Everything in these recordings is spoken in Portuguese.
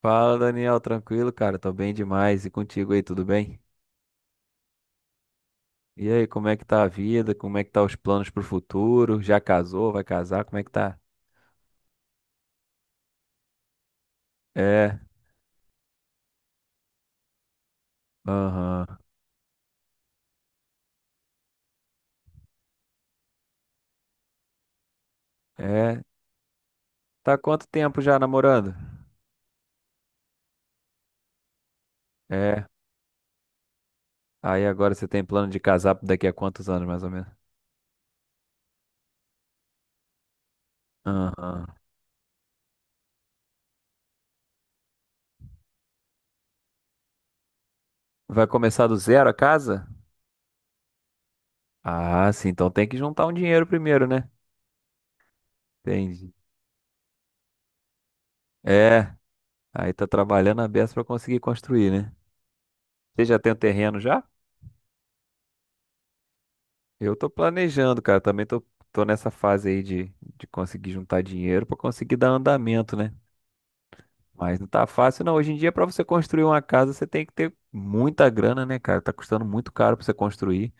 Fala, Daniel, tranquilo, cara? Tô bem demais. E contigo aí, tudo bem? E aí, como é que tá a vida? Como é que tá os planos pro futuro? Já casou? Vai casar? Como é que tá? É, aham. É, tá há quanto tempo já namorando? É, aí agora você tem plano de casar daqui a quantos anos, mais ou menos? Aham. Vai começar do zero a casa? Ah, sim, então tem que juntar um dinheiro primeiro, né? Entendi. É, aí tá trabalhando a beça pra conseguir construir, né? Você já tem o terreno já? Eu tô planejando, cara. Também tô nessa fase aí de conseguir juntar dinheiro pra conseguir dar andamento, né? Mas não tá fácil, não. Hoje em dia, pra você construir uma casa, você tem que ter muita grana, né, cara? Tá custando muito caro pra você construir.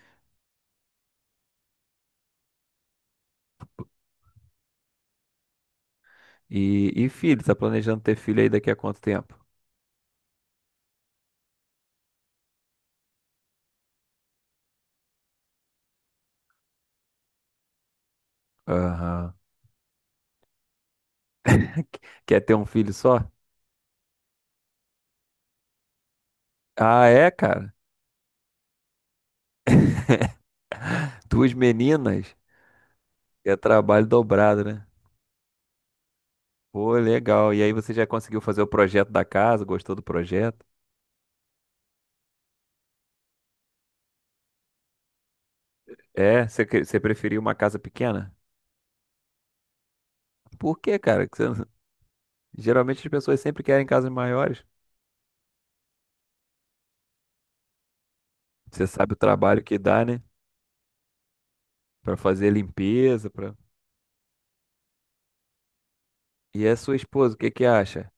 E filho, tá planejando ter filho aí daqui a quanto tempo? Aham. Quer ter um filho só? Ah, é, cara. Duas meninas. É trabalho dobrado, né? Pô, legal. E aí você já conseguiu fazer o projeto da casa? Gostou do projeto? É, você, você preferiu uma casa pequena? Por quê, cara? Que você geralmente as pessoas sempre querem casas maiores. Você sabe o trabalho que dá, né? Pra fazer limpeza, pra... E a sua esposa, o que que acha?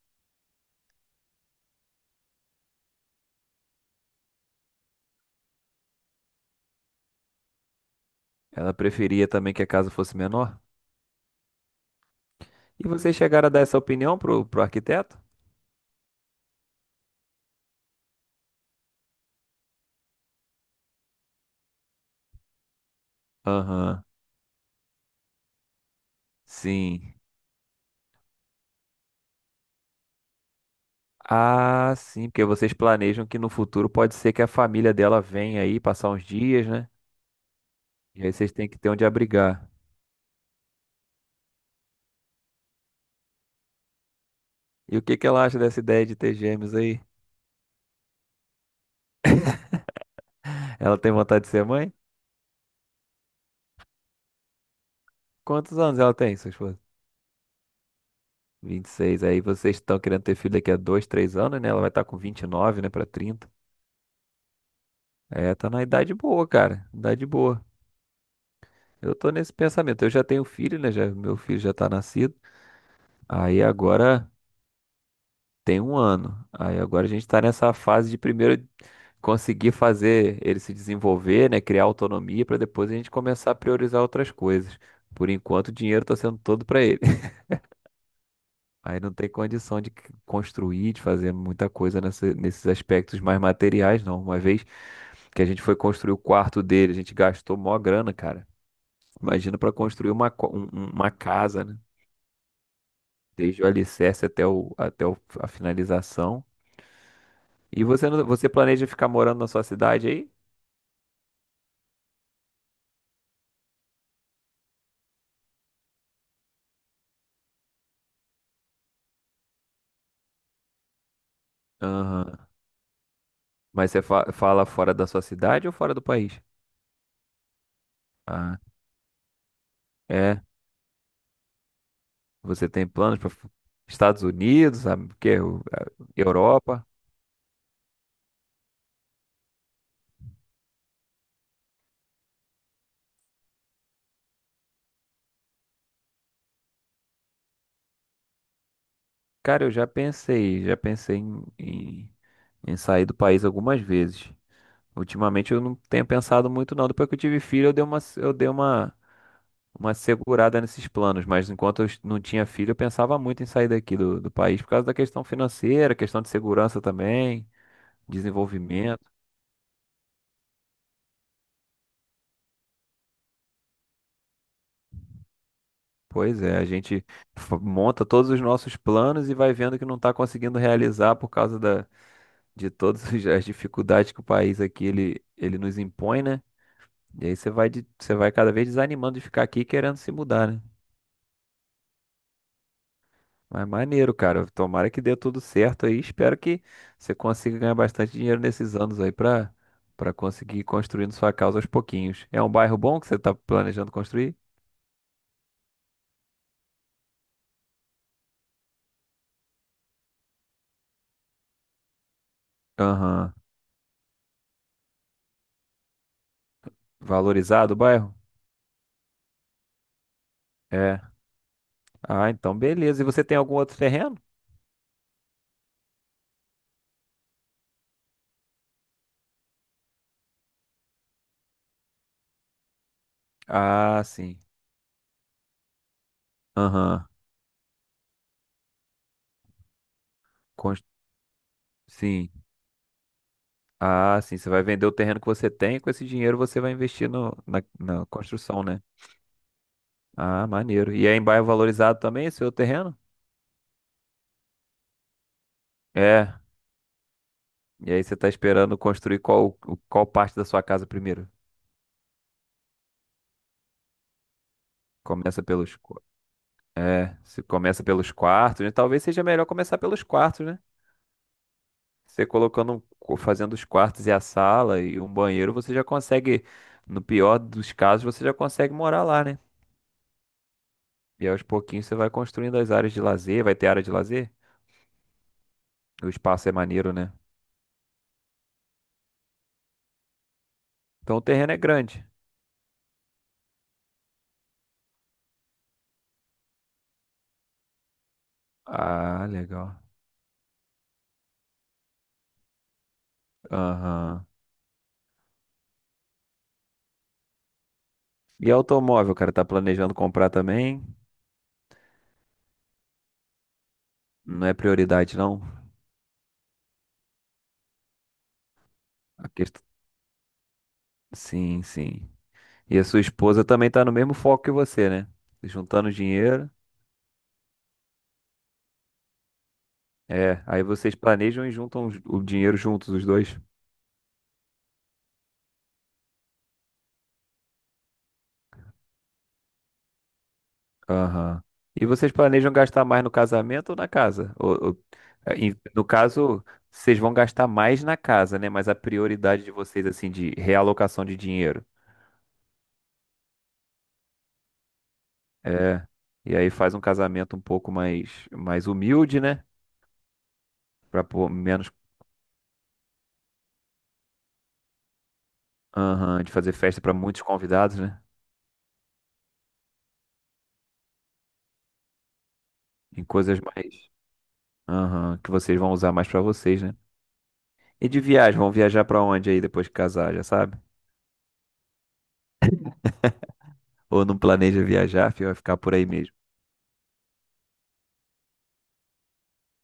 Ela preferia também que a casa fosse menor? E vocês chegaram a dar essa opinião pro arquiteto? Aham, sim. Ah, sim, porque vocês planejam que no futuro pode ser que a família dela venha aí passar uns dias, né? E aí vocês têm que ter onde abrigar. E o que que ela acha dessa ideia de ter gêmeos aí? Ela tem vontade de ser mãe? Quantos anos ela tem, sua esposa? 26? Aí vocês estão querendo ter filho daqui a 2 3 anos, né? Ela vai estar com 29, né? Pra 30. É, tá na idade boa, cara. Idade boa. Eu tô nesse pensamento. Eu já tenho filho, né? Já, meu filho já tá nascido. Aí agora tem 1 ano. Aí agora a gente tá nessa fase de primeiro conseguir fazer ele se desenvolver, né? Criar autonomia pra depois a gente começar a priorizar outras coisas. Por enquanto, o dinheiro tá sendo todo pra ele. Aí não tem condição de construir, de fazer muita coisa nesses aspectos mais materiais, não. Uma vez que a gente foi construir o quarto dele, a gente gastou mó grana, cara. Imagina para construir uma, co- um- um- uma casa, né? Desde o alicerce até a finalização. E você, você planeja ficar morando na sua cidade aí? Aham. Mas você fala fora da sua cidade ou fora do país? Ah, é. Você tem planos para Estados Unidos, sabe? O quê? Europa? Cara, eu já pensei em sair do país algumas vezes. Ultimamente eu não tenho pensado muito, não. Depois que eu tive filho, uma segurada nesses planos. Mas enquanto eu não tinha filho, eu pensava muito em sair daqui do país por causa da questão financeira, questão de segurança também, desenvolvimento. Pois é, a gente monta todos os nossos planos e vai vendo que não está conseguindo realizar por causa de todas as dificuldades que o país aqui, ele nos impõe, né? E aí você vai, você vai cada vez desanimando de ficar aqui querendo se mudar, né? Mas maneiro, cara. Tomara que dê tudo certo aí. Espero que você consiga ganhar bastante dinheiro nesses anos aí pra conseguir ir construindo sua casa aos pouquinhos. É um bairro bom que você tá planejando construir? Aham. Valorizado o bairro? É. Ah, então beleza. E você tem algum outro terreno? Ah, sim. Aham. Cons- Sim. Ah, sim. Você vai vender o terreno que você tem e com esse dinheiro você vai investir no, na, na construção, né? Ah, maneiro. E aí em bairro valorizado também, seu terreno? É. E aí você tá esperando construir qual parte da sua casa primeiro? Começa pelos. qu- É, se começa pelos quartos, né? Talvez seja melhor começar pelos quartos, né? Você colocando, um fazendo os quartos e a sala e um banheiro, você já consegue, no pior dos casos, você já consegue morar lá, né? E aos pouquinhos você vai construindo as áreas de lazer, vai ter área de lazer? O espaço é maneiro, né? Então o terreno é grande. Ah, legal. Aham. E automóvel, cara, tá planejando comprar também? Não é prioridade, não? A quest- Sim, sim. E a sua esposa também tá no mesmo foco que você, né? Juntando dinheiro. É, aí vocês planejam e juntam o dinheiro juntos, os dois. Aham. E vocês planejam gastar mais no casamento ou na casa? No caso, vocês vão gastar mais na casa, né? Mas a prioridade de vocês, assim, de realocação de dinheiro. É. E aí faz um casamento um pouco mais, mais humilde, né? Para menos. Aham, de fazer festa para muitos convidados, né? Em coisas mais. Aham, que vocês vão usar mais para vocês, né? E de viagem, vão viajar para onde aí depois que casar, já sabe? Ou não planeja viajar, fi, vai ficar por aí mesmo.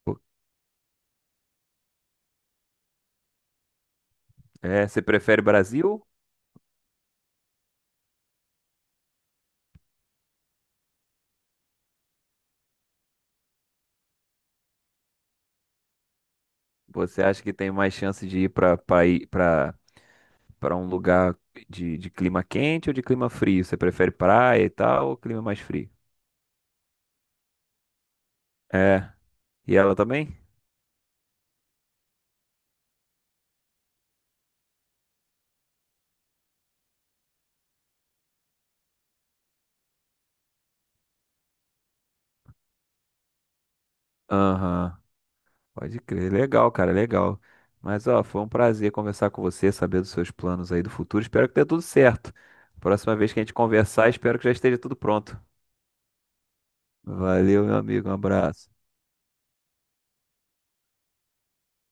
Pô, é, você prefere Brasil? Você acha que tem mais chance de ir para um lugar de clima quente ou de clima frio? Você prefere praia e tal ou clima mais frio? É. E ela também? Aham. Pode crer. Legal, cara, legal. Mas, ó, foi um prazer conversar com você, saber dos seus planos aí do futuro. Espero que dê tudo certo. Próxima vez que a gente conversar, espero que já esteja tudo pronto. Valeu, meu amigo. Um abraço.